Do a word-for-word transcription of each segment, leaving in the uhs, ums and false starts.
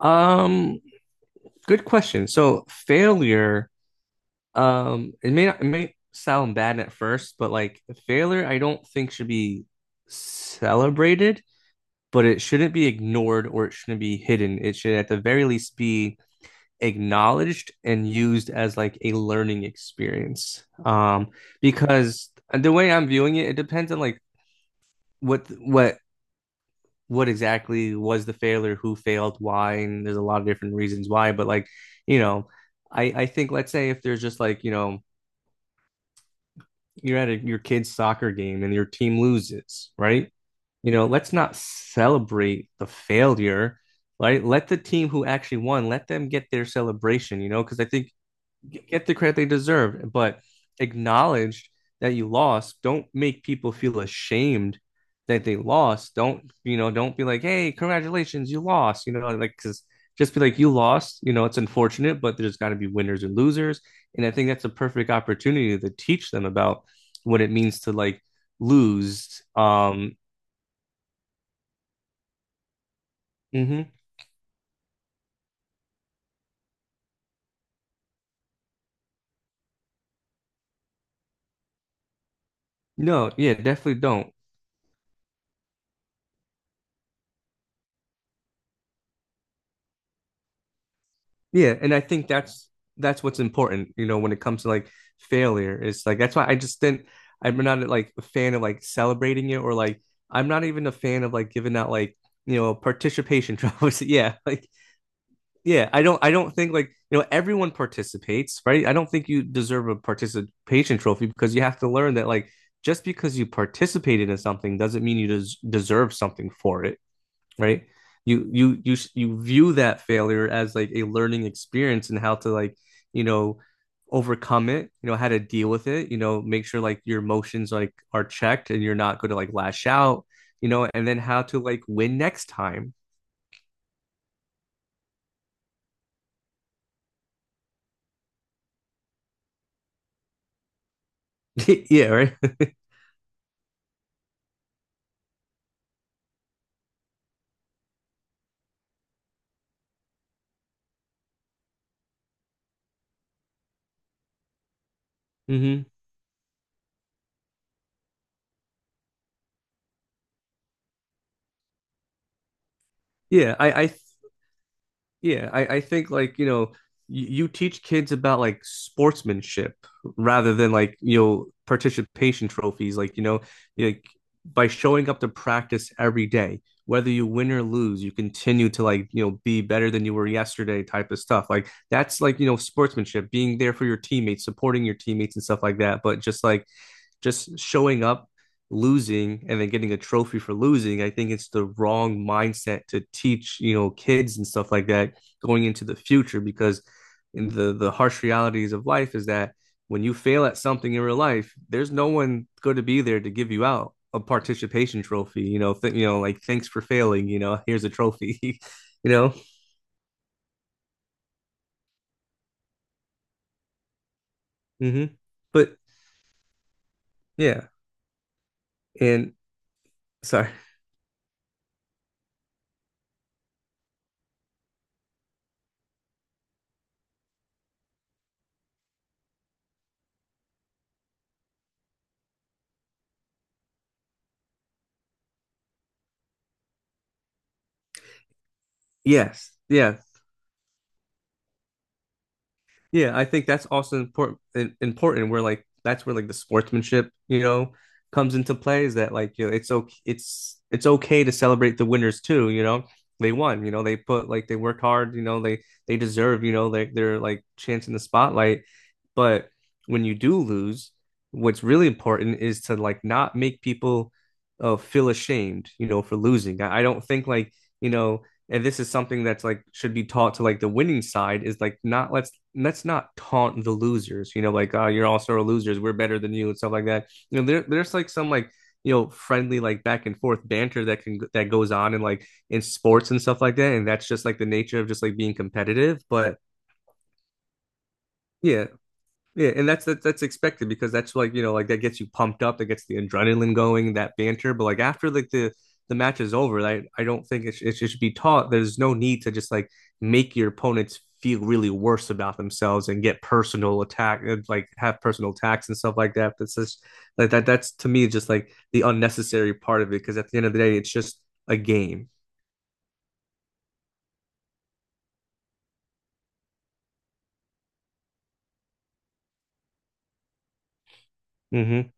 Um, Good question. So failure, um, it may not, it may sound bad at first, but like failure, I don't think should be celebrated, but it shouldn't be ignored or it shouldn't be hidden. It should at the very least be acknowledged and used as like a learning experience. Um, because the way I'm viewing it, it depends on like what what what exactly was the failure, who failed, why, and there's a lot of different reasons why. But like, you know, I I think, let's say if there's just like, you know you're at a, your kid's soccer game and your team loses, right? You know, let's not celebrate the failure, right? Let the team who actually won let them get their celebration, you know, because I think get the credit they deserve, but acknowledge that you lost. Don't make people feel ashamed that they lost. Don't, you know, don't be like, hey, congratulations, you lost, you know, like, because just be like, you lost, you know, it's unfortunate, but there's got to be winners and losers. And I think that's a perfect opportunity to teach them about what it means to like lose. Um, mhm. No, yeah, definitely don't. Yeah, and I think that's that's what's important, you know, when it comes to like failure. It's like that's why I just didn't I'm not like a fan of like celebrating it or like I'm not even a fan of like giving out like, you know, participation trophies. Yeah, like yeah, I don't I don't think like, you know, everyone participates, right? I don't think you deserve a participation trophy because you have to learn that like just because you participated in something doesn't mean you des- deserve something for it, right? You you you you view that failure as like a learning experience and how to like, you know, overcome it, you know, how to deal with it, you know, make sure like your emotions like are checked and you're not going to like lash out, you know, and then how to like win next time. Yeah, right. Hmm. Yeah, I I Yeah, I, I think like, you know, you, you teach kids about like sportsmanship rather than like, you know, participation trophies. Like, you know, like by showing up to practice every day, whether you win or lose, you continue to like, you know, be better than you were yesterday type of stuff. Like that's like, you know, sportsmanship, being there for your teammates, supporting your teammates and stuff like that. But just like, just showing up, losing, and then getting a trophy for losing. I think it's the wrong mindset to teach, you know, kids and stuff like that going into the future because in the the harsh realities of life is that when you fail at something in real life, there's no one going to be there to give you out a participation trophy. You know, th- you know, like, thanks for failing. You know, here's a trophy. You know, mm-hmm. But yeah, and sorry, yes, yeah. Yeah, I think that's also important important where like that's where like the sportsmanship, you know, comes into play, is that like, you know, it's okay it's it's okay to celebrate the winners too, you know. They won, you know, they put like they worked hard, you know, they they deserve, you know, like their like chance in the spotlight. But when you do lose, what's really important is to like not make people uh, feel ashamed, you know, for losing. I, I don't think like, you know, and this is something that's like should be taught to like the winning side is like not, let's let's not taunt the losers, you know like, oh, you're all star losers, we're better than you and stuff like that, you know there, there's like some like, you know friendly like back and forth banter that can that goes on in like in sports and stuff like that, and that's just like the nature of just like being competitive, but yeah, yeah, and that's that, that's expected, because that's like, you know like that gets you pumped up, that gets the adrenaline going, that banter. But like after like the the match is over, I I don't think it, sh- it should be taught. There's no need to just like make your opponents feel really worse about themselves and get personal attack, and, like have personal attacks and stuff like that. That's just like that. That's to me just like the unnecessary part of it, because at the end of the day, it's just a game. Mm-hmm.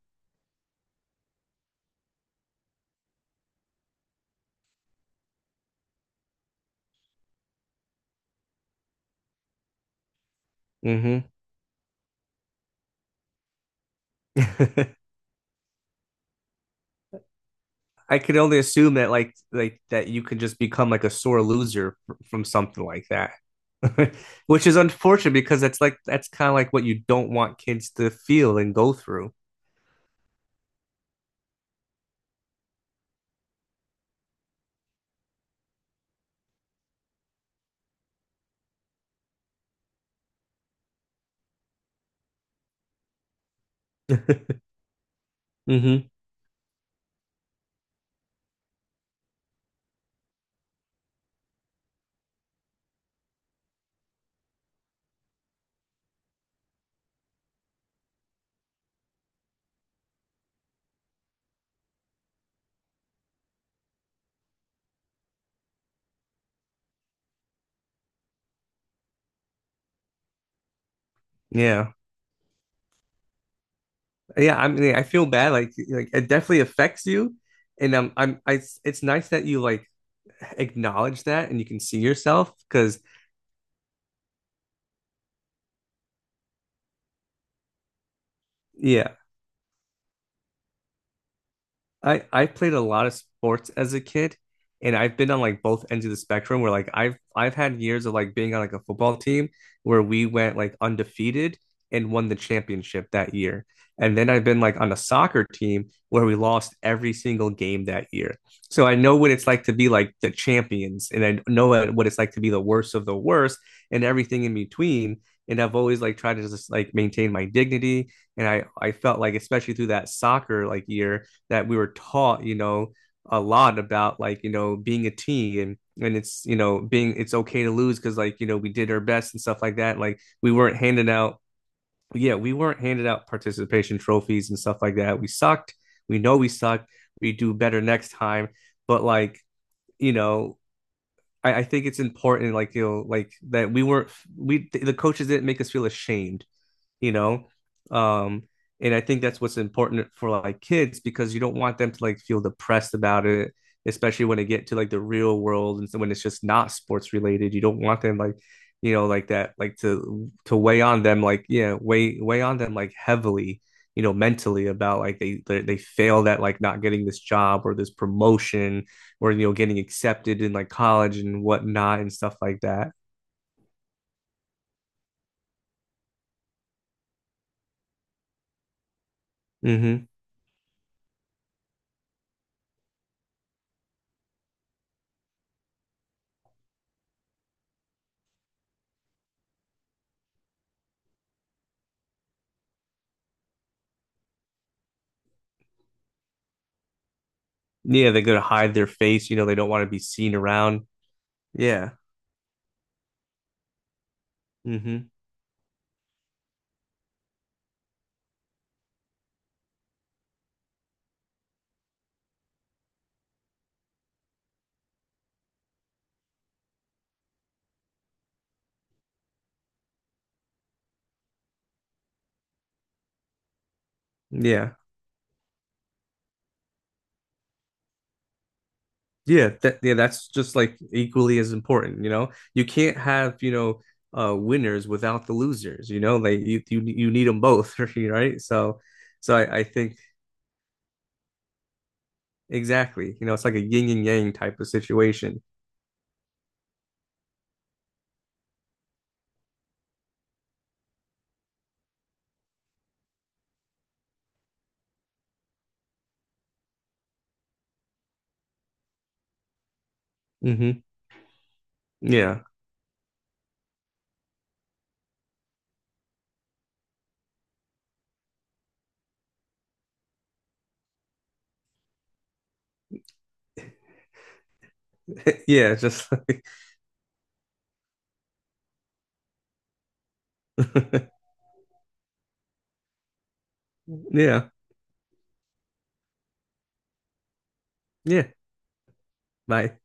Mm-hmm. I could only assume that like like that you could just become like a sore loser from something like that. Which is unfortunate, because that's like that's kind of like what you don't want kids to feel and go through. Hmm. Yeah. Yeah, I mean I feel bad like, like it definitely affects you, and um I'm I it's nice that you like acknowledge that and you can see yourself, because yeah, I I played a lot of sports as a kid, and I've been on like both ends of the spectrum where like I've I've had years of like being on like a football team where we went like undefeated and won the championship that year. And then I've been like on a soccer team where we lost every single game that year. So I know what it's like to be like the champions, and I know what it's like to be the worst of the worst and everything in between. And I've always like tried to just like maintain my dignity. And I I felt like, especially through that soccer like year, that we were taught, you know, a lot about like, you know, being a team, and and it's, you know being it's okay to lose, because like, you know we did our best and stuff like that, like we weren't handed out yeah, we weren't handed out participation trophies and stuff like that. We sucked. We know we sucked. We do better next time. But like, you know I, I think it's important like, you know like that we weren't we the coaches didn't make us feel ashamed, you know um and I think that's what's important for like kids because you don't want them to like feel depressed about it, especially when they get to like the real world, and so when it's just not sports related, you don't want them like, you know like that like to to weigh on them, like yeah, weigh weigh on them like heavily, you know mentally, about like they they, they failed at like not getting this job or this promotion, or you know getting accepted in like college and whatnot and stuff like that. Mm-hmm. Yeah, they go to hide their face, you know they don't want to be seen around. Yeah. Hmm. Yeah. Yeah. That Yeah, that's just like equally as important, you know? You can't have, you know, uh winners without the losers, you know? Like you you, you need them both, right? So so I, I think exactly, you know, it's like a yin and yang type of situation. Hmm. Yeah. Yeah, just like yeah. Yeah. Bye.